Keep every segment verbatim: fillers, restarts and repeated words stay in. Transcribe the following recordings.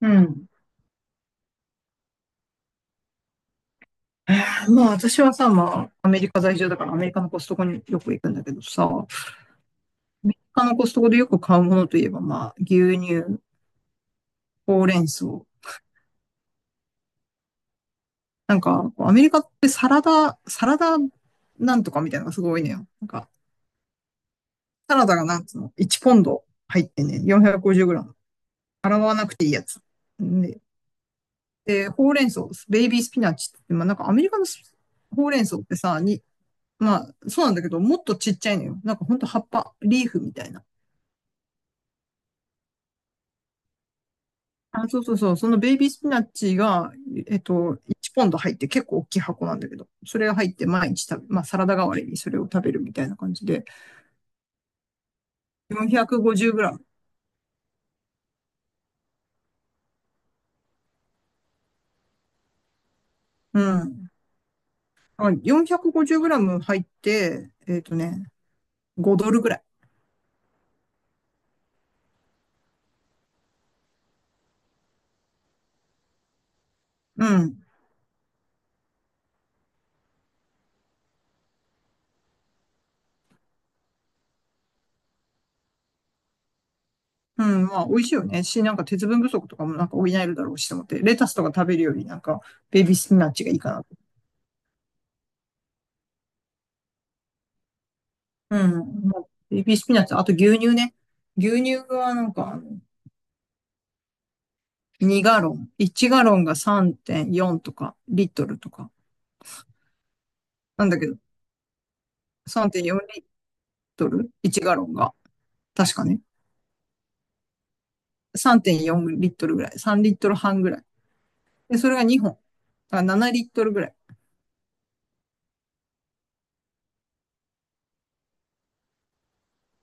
うん。まあ私はさ、まあアメリカ在住だからアメリカのコストコによく行くんだけどさ、アメリカのコストコでよく買うものといえばまあ牛乳、ほうれん草。なんかアメリカってサラダ、サラダなんとかみたいなのがすごいねよ。なんかサラダがなんつうの、いちポンド入ってね、よんひゃくごじゅうグラム。洗わなくていいやつ。で、でほうれん草、ベイビースピナッチって、まあなんかアメリカのスほうれん草ってさ、に、まあそうなんだけど、もっとちっちゃいのよ。なんかほんと葉っぱ、リーフみたいな。あ、そうそうそう。そのベイビースピナッチが、えっと、いちポンド入って結構大きい箱なんだけど、それが入って毎日食べ、まあサラダ代わりにそれを食べるみたいな感じで、よんひゃくごじゅうグラム。うん。あ、よんひゃくごじゅうグラム入って、えっとね、ごドルぐらい。うん。うん。まあ美味しいよね。し、なんか鉄分不足とかもなんか補えるだろうしと思って、レタスとか食べるよりなんかベイビースピナッチがいいかなと。うん。まあベイビースピナッチ、あと牛乳ね。牛乳はなんか、にガロン。いちガロンがさんてんよんとか、リットルとか。なんだけど、さんてんよんリットル？ いち ガロンが。確かね。さんてんよんリットルぐらい。さんリットル半ぐらい。で、それがにほん。だからななリットルぐらい。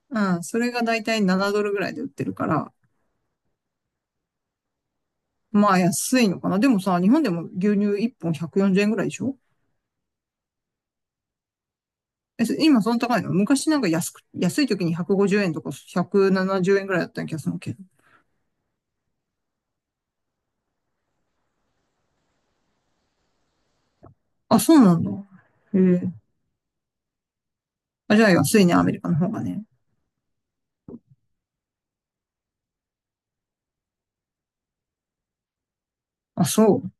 うん。それがだいたいななドルぐらいで売ってるから、まあ安いのかな。でもさ、日本でも牛乳いっぽんひゃくよんじゅうえんぐらいでしょ？え、そ今その高いの昔なんか安く、安い時にひゃくごじゅうえんとかひゃくななじゅうえんぐらいだった気がするけど。あ、そうなんだ。へえ。あ、じゃあ安いね、アメリカの方がね。あ、そう。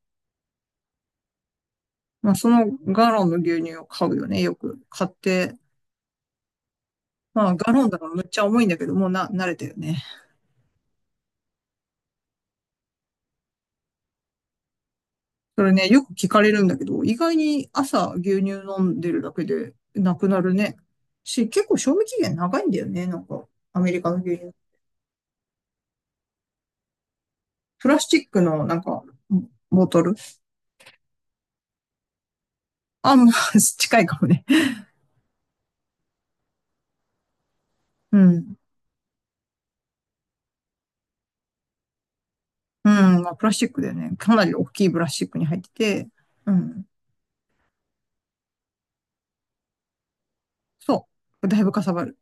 まあ、そのガロンの牛乳を買うよね。よく買って。まあ、ガロンだからむっちゃ重いんだけど、もうな、慣れたよね。それね、よく聞かれるんだけど、意外に朝牛乳飲んでるだけでなくなるね。し、結構賞味期限長いんだよね。なんか、アメリカの牛乳。プラスチックのなんか、ボトル。あ、まあ、近いかもね。うん。うん。まあ、プラスチックだよね。かなり大きいプラスチックに入ってて。うん。そう。だいぶかさばる。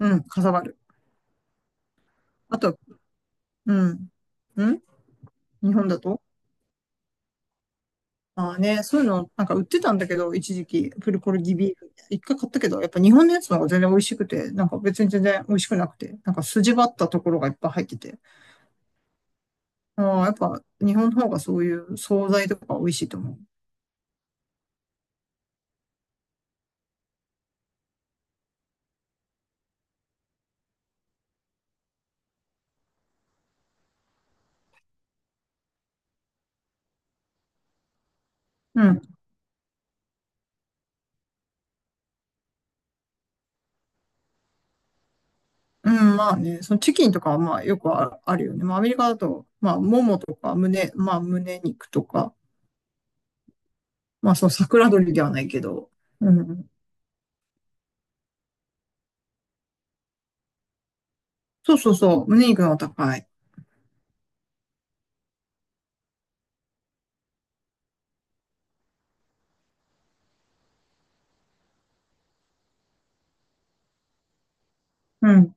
うん、かさばる。あと、うん。ん日本だと。ああね、そういうの、なんか売ってたんだけど、一時期、プルコルギビーフ。いっかい買ったけど、やっぱ日本のやつの方が全然美味しくて、なんか別に全然美味しくなくて、なんか筋張ったところがいっぱい入ってて。ああ、やっぱ日本の方がそういう惣菜とか美味しいと思う。うん。うん、まあね、そのチキンとかはまあよくああるよね。まあアメリカだと、まあももとか胸、まあ胸肉とか、まあその桜鶏ではないけど、うん。そうそうそう、胸肉の方が高い。うん。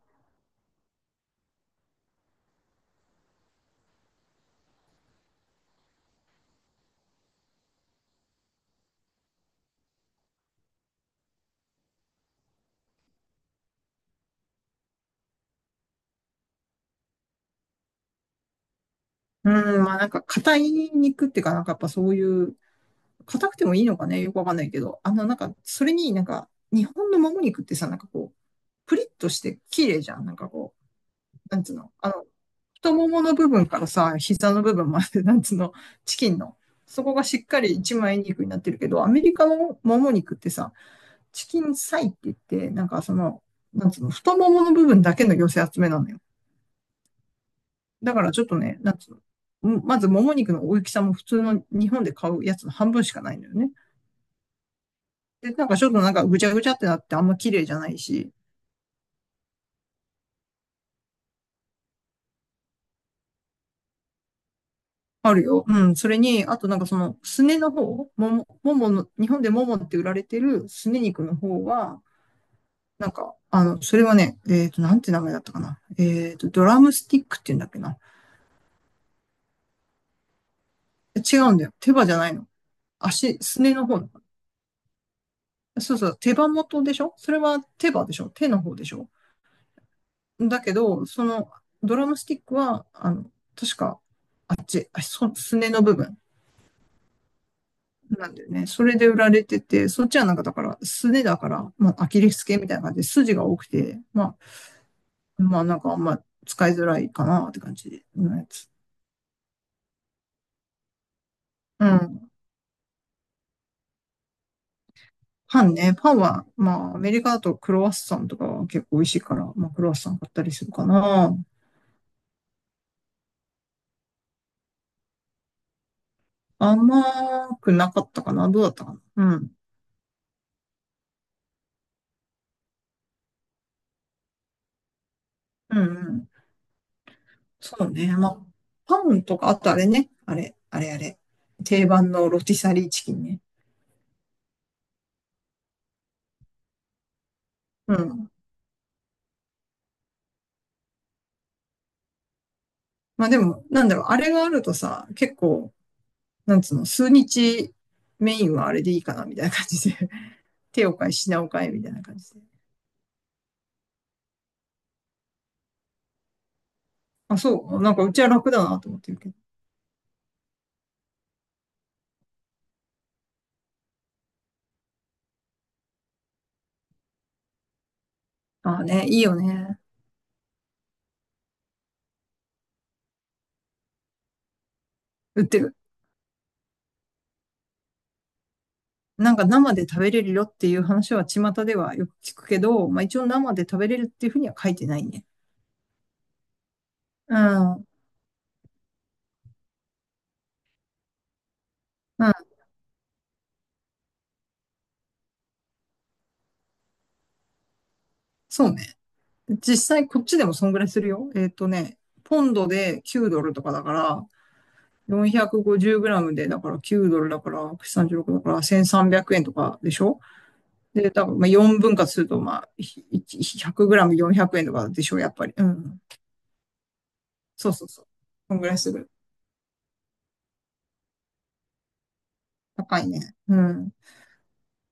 うん、まあなんか硬い肉っていうか、なんかやっぱそういう、硬くてもいいのかね、よくわかんないけど、あのなんか、それになんか、日本のもも肉ってさ、なんかこう、プリッとして綺麗じゃん。なんかこう、なんつうの、あの、太ももの部分からさ、膝の部分まで、なんつうの、チキンの、そこがしっかり一枚肉になってるけど、アメリカのもも肉ってさ、チキンサイって言って、なんかその、なんつうの、太ももの部分だけの寄せ集めなのよ。だからちょっとね、なんつうの。まず、もも肉の大きさも普通の日本で買うやつの半分しかないのよね。で、なんかちょっとなんかぐちゃぐちゃってなってあんま綺麗じゃないし、あるよ。うん。それに、あとなんかその、すねの方、もも、ももの、日本でももって売られてるすね肉の方は、なんか、あの、それはね、えっと、なんて名前だったかな。えっと、ドラムスティックって言うんだっけな。違うんだよ。手羽じゃないの。足、すねの方。そうそう、手羽元でしょ？それは手羽でしょ？手の方でしょ？だけど、そのドラムスティックは、あの、確か、じ、あそ、すねの部分なんだよね。それで売られてて、そっちはなんかだから、すねだから、まあ、アキレス腱みたいな感じで筋が多くて、まあ、まあなんかあんま使いづらいかなって感じのやつ。うん。パンね。パンは、まあ、アメリカだとクロワッサンとかは結構美味しいから、まあ、クロワッサン買ったりするかな。甘くなかったかな。どうだったかな。うん。うんうん。そうね。まあ、パンとか、あとあれね。あれ、あれあれ。定番のロティサリーチキンね。うん。まあでも、なんだろう、あれがあるとさ、結構、なんつうの、数日メインはあれでいいかな、みたいな感じで。手を変え、品を変え、みたいな感じで。あ、そう。なんかうちは楽だなと思ってるけど。ああね、いいよね。売ってる。なんか生で食べれるよっていう話は巷ではよく聞くけど、まあ一応生で食べれるっていうふうには書いてないね。うん。うん。そうね。実際こっちでもそんぐらいするよ。えっとね、ポンドできゅうドルとかだから、よんひゃくごじゅうグラムで、だからきゅうドルだから、ひゃくさんじゅうろくだからせんさんびゃくえんとかでしょ？で、多分まあよんぶん割すると、まあ、ひゃくグラムよんひゃくえんとかでしょ？やっぱり。うん。そうそうそう。こんぐらいする。高いね。うん。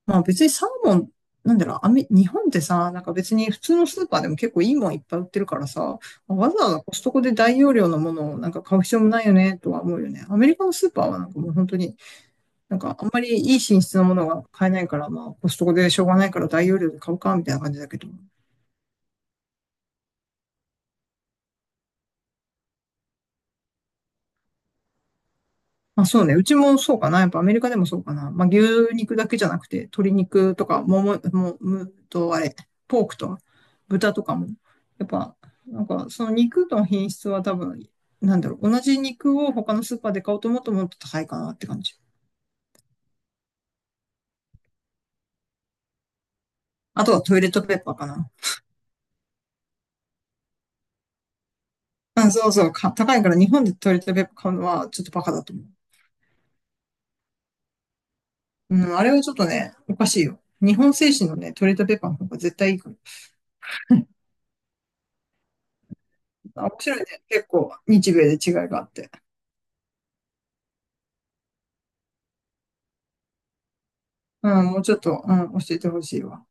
まあ別にサーモン、なんだろう、アメ、日本ってさ、なんか別に普通のスーパーでも結構いいもんいっぱい売ってるからさ、わざわざコストコで大容量のものをなんか買う必要もないよね、とは思うよね。アメリカのスーパーはなんかもう本当に、なんかあんまりいい品質のものが買えないから、まあコストコでしょうがないから大容量で買うか、みたいな感じだけど。まあそうね。うちもそうかな。やっぱアメリカでもそうかな。まあ牛肉だけじゃなくて、鶏肉とか、もも、も、むとあれ、ポークと豚とかも。やっぱ、なんかその肉の品質は多分、なんだろう。同じ肉を他のスーパーで買おうと思うともっと高いかなって感じ。あとはトイレットペーパーかな。うんそうそう。か、高いから日本でトイレットペーパー買うのはちょっとバカだと思う。うん、あれはちょっとね、おかしいよ。日本製紙のね、トイレットペーパーの方が絶対いいから。あ、面白いね。結構、日米で違いがあって。うん、もうちょっと、うん、教えてほしいわ。